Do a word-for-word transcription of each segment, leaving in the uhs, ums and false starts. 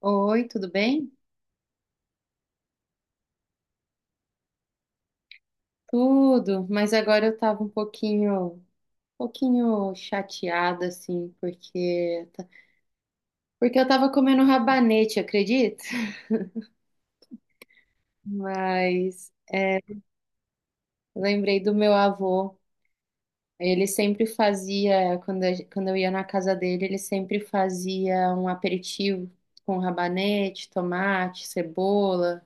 Oi, tudo bem? Tudo, mas agora eu tava um pouquinho, um pouquinho chateada assim, porque tá, porque eu tava comendo rabanete, acredita? Mas é, lembrei do meu avô. Ele sempre fazia, quando, a gen- quando eu ia na casa dele, ele sempre fazia um aperitivo com rabanete, tomate, cebola.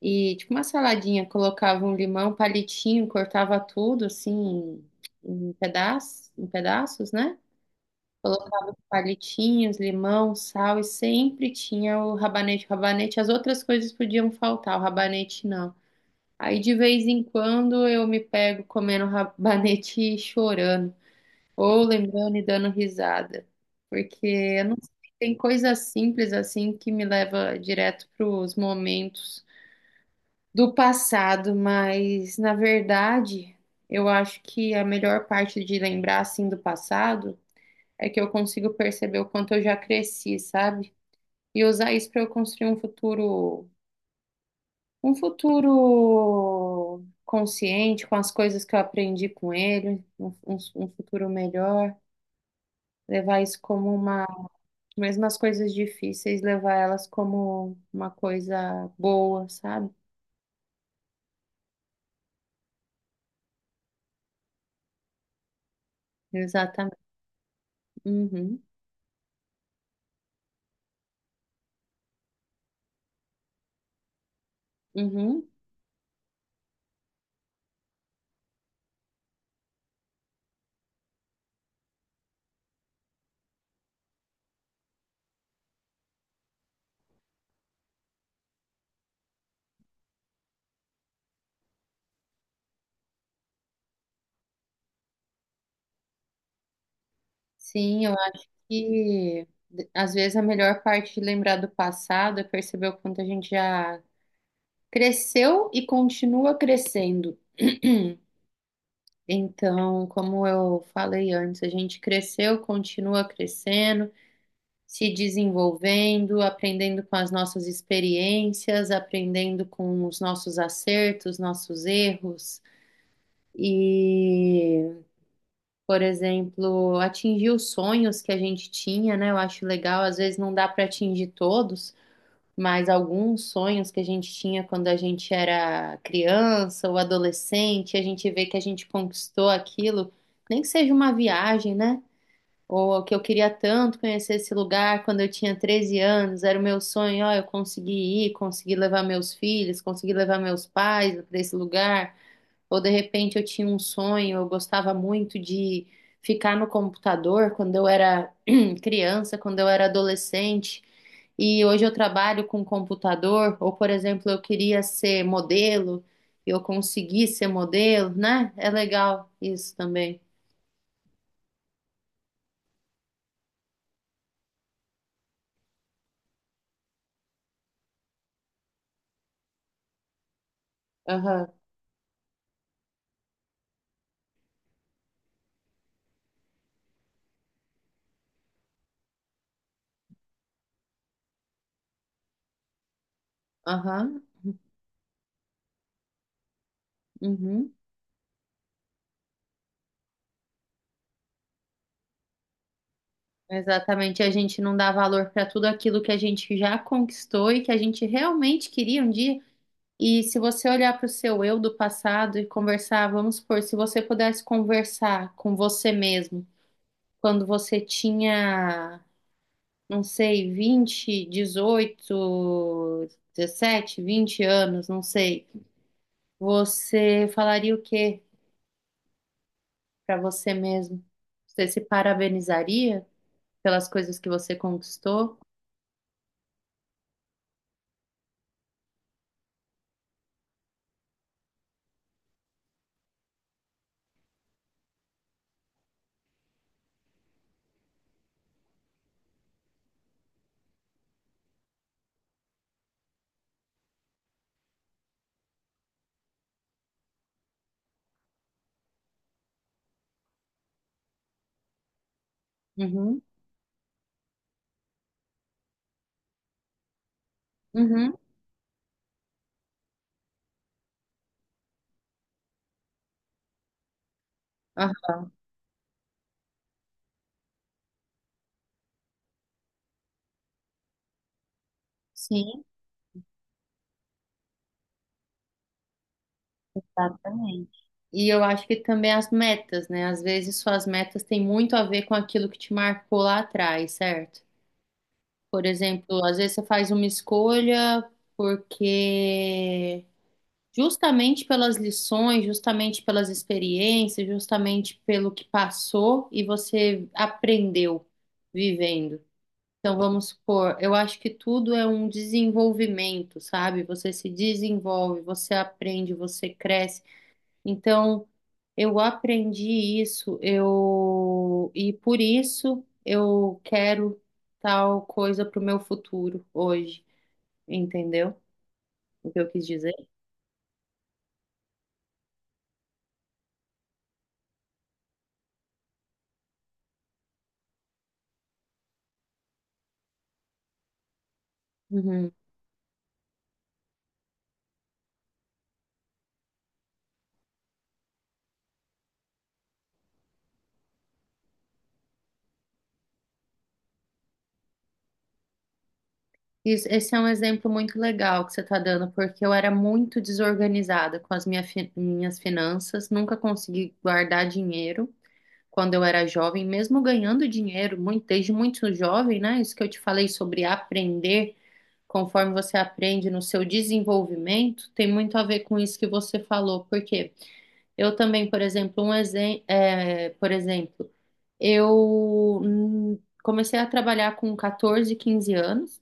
E tipo uma saladinha, colocava um limão, um palitinho, cortava tudo assim em pedaços, em pedaços, né? Colocava palitinhos, limão, sal e sempre tinha o rabanete. O rabanete, as outras coisas podiam faltar, o rabanete não. Aí de vez em quando eu me pego comendo rabanete e chorando, ou lembrando e dando risada, porque eu não sei, tem coisa simples assim que me leva direto para os momentos do passado, mas na verdade, eu acho que a melhor parte de lembrar assim do passado é que eu consigo perceber o quanto eu já cresci, sabe? E usar isso para eu construir um futuro, um futuro consciente com as coisas que eu aprendi com ele, um, um- um futuro melhor. Levar isso como uma, Mesmo as coisas difíceis, levar elas como uma coisa boa, sabe? Exatamente. Uhum, uhum. Sim. E d- às vezes a melhor parte de lembrar do passado é perceber o quanto a gente já cresceu e continua crescendo. Então, como eu falei antes, a gente cresceu, continua crescendo, se desenvolvendo, aprendendo com as nossas experiências, aprendendo com os nossos acertos, nossos erros. E, por exemplo, atingir os sonhos que a gente tinha, né? Eu acho legal, às vezes não dá para atingir todos, mas alguns sonhos que a gente tinha quando a gente era criança ou adolescente, a gente vê que a gente conquistou aquilo, nem que seja uma viagem, né? Ou que eu queria tanto conhecer esse lugar quando eu tinha treze anos, era o meu sonho, ó, eu consegui ir, consegui levar meus filhos, consegui levar meus pais para esse lugar. Ou de repente eu tinha um sonho, eu gostava muito de ficar no computador quando eu era criança, quando eu era adolescente. E hoje eu trabalho com computador, ou por exemplo, eu queria ser modelo, eu consegui ser modelo, né? É legal isso também. Aham, aham, uhum. Exatamente. A gente não dá valor para tudo aquilo que a gente já conquistou e que a gente realmente queria um dia. E se você olhar para o seu eu do passado e conversar, vamos supor, se você pudesse conversar com você mesmo quando você tinha não sei, vinte, dezoito, dezessete, vinte anos, não sei, você falaria o quê para você mesmo? Você se parabenizaria pelas coisas que você conquistou? Uhum, uhum, aham, Sim, exatamente. E eu acho que também as metas, né? Às vezes suas metas têm muito a ver com aquilo que te marcou lá atrás, certo? Por exemplo, às vezes você faz uma escolha porque justamente pelas lições, justamente pelas experiências, justamente pelo que passou e você aprendeu vivendo. Então, vamos supor, eu acho que tudo é um desenvolvimento, sabe? Você se desenvolve, você aprende, você cresce. Então, eu aprendi isso, eu e por isso eu quero tal coisa para o meu futuro hoje, entendeu? O que eu quis dizer? Uhum. Isso, esse é um exemplo muito legal que você está dando, porque eu era muito desorganizada com as minha fi- minhas finanças, nunca consegui guardar dinheiro quando eu era jovem, mesmo ganhando dinheiro muito, desde muito jovem, né? Isso que eu te falei sobre aprender, conforme você aprende no seu desenvolvimento, tem muito a ver com isso que você falou, porque eu também, por exemplo, um exem é, por exemplo, eu hum, comecei a trabalhar com quatorze, quinze anos.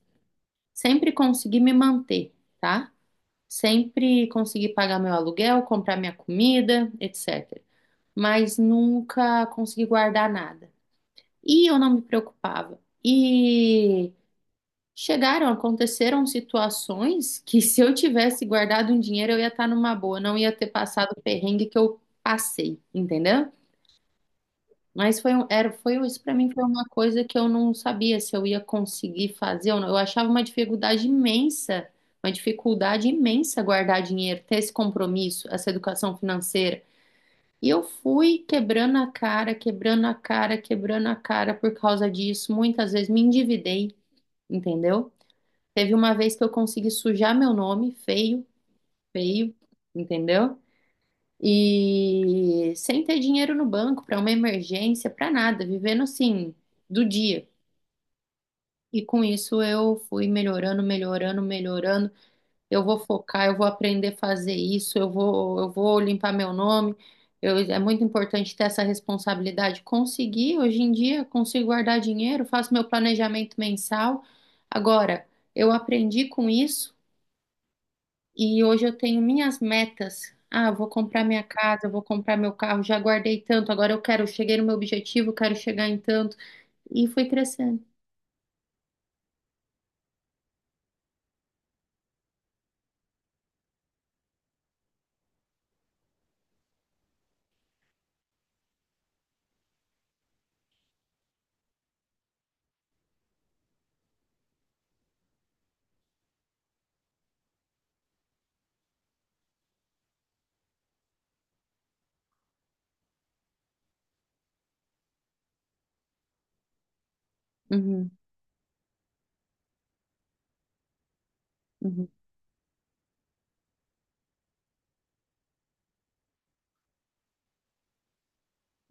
Sempre consegui me manter, tá? Sempre consegui pagar meu aluguel, comprar minha comida, etcétera. Mas nunca consegui guardar nada. E eu não me preocupava. E chegaram, aconteceram situações que se eu tivesse guardado um dinheiro, eu ia estar numa boa, não ia ter passado o perrengue que eu passei, entendeu? Mas foi um, era, foi um, isso para mim foi uma coisa que eu não sabia se eu ia conseguir fazer ou não. Eu achava uma dificuldade imensa, uma dificuldade imensa guardar dinheiro, ter esse compromisso, essa educação financeira. E eu fui quebrando a cara, quebrando a cara, quebrando a cara por causa disso. Muitas vezes me endividei, entendeu? Teve uma vez que eu consegui sujar meu nome, feio, feio, entendeu? E sem ter dinheiro no banco para uma emergência, para nada, vivendo assim, do dia. E com isso eu fui melhorando, melhorando, melhorando. Eu vou focar, eu vou aprender a fazer isso, eu vou, eu vou limpar meu nome. Eu- é muito importante ter essa responsabilidade. Consegui, hoje em dia, consigo guardar dinheiro, faço meu planejamento mensal. Agora, eu aprendi com isso e hoje eu tenho minhas metas. Ah, eu vou comprar minha casa, eu vou comprar meu carro, já guardei tanto, agora eu quero, eu cheguei no meu objetivo, eu quero chegar em tanto. E fui crescendo. Uhum, uhum,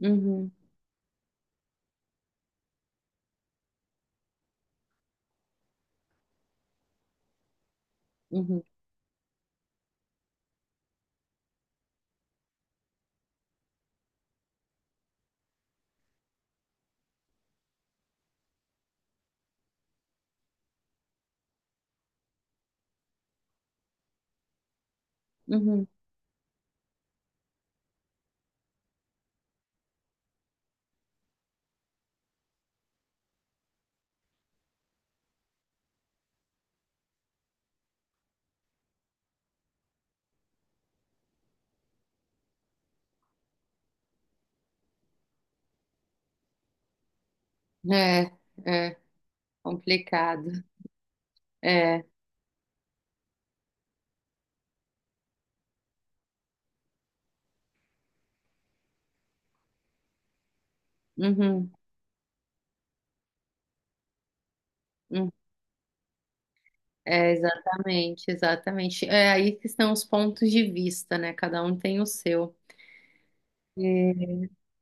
uhum, uhum, uhum. É, é, complicado. É, uhum, uhum. É, exatamente, exatamente. É aí que estão os pontos de vista, né? Cada um tem o seu.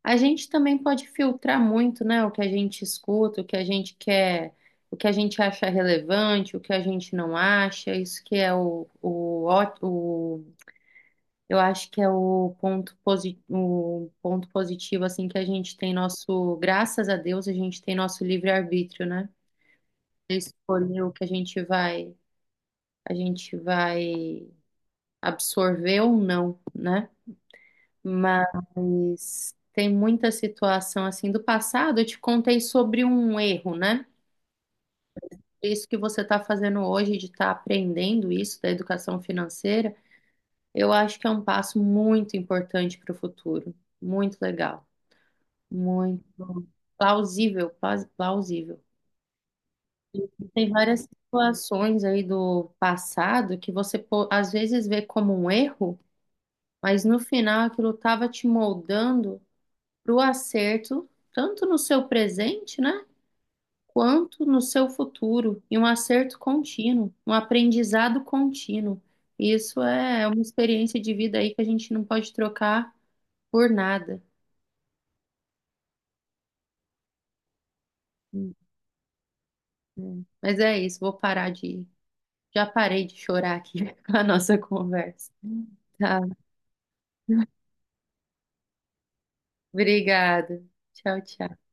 A gente também pode filtrar muito, né, o que a gente escuta, o que a gente quer, o que a gente acha relevante, o que a gente não acha. Isso que é o, o, ó- o eu acho que é o ponto positivo, o ponto positivo assim que a gente tem nosso, graças a Deus, a gente tem nosso livre-arbítrio, né? De escolher o que a gente vai, a gente vai absorver ou não, né? Mas tem muita situação assim do passado. Eu te contei sobre um erro, né? Isso que você está fazendo hoje de estar aprendendo isso da educação financeira, eu acho que é um passo muito importante para o futuro. Muito legal, muito plausível, plas- plausível. Tem várias situações aí do passado que você po- às vezes vê como um erro, mas no final aquilo estava te moldando para o acerto tanto no seu presente, né? Quanto no seu futuro, e um acerto contínuo, um aprendizado contínuo. Isso é uma experiência de vida aí que a gente não pode trocar por nada. Hum. Mas é isso, vou parar de. Já parei de chorar aqui com a nossa conversa. Tá, obrigada. Tchau, tchau.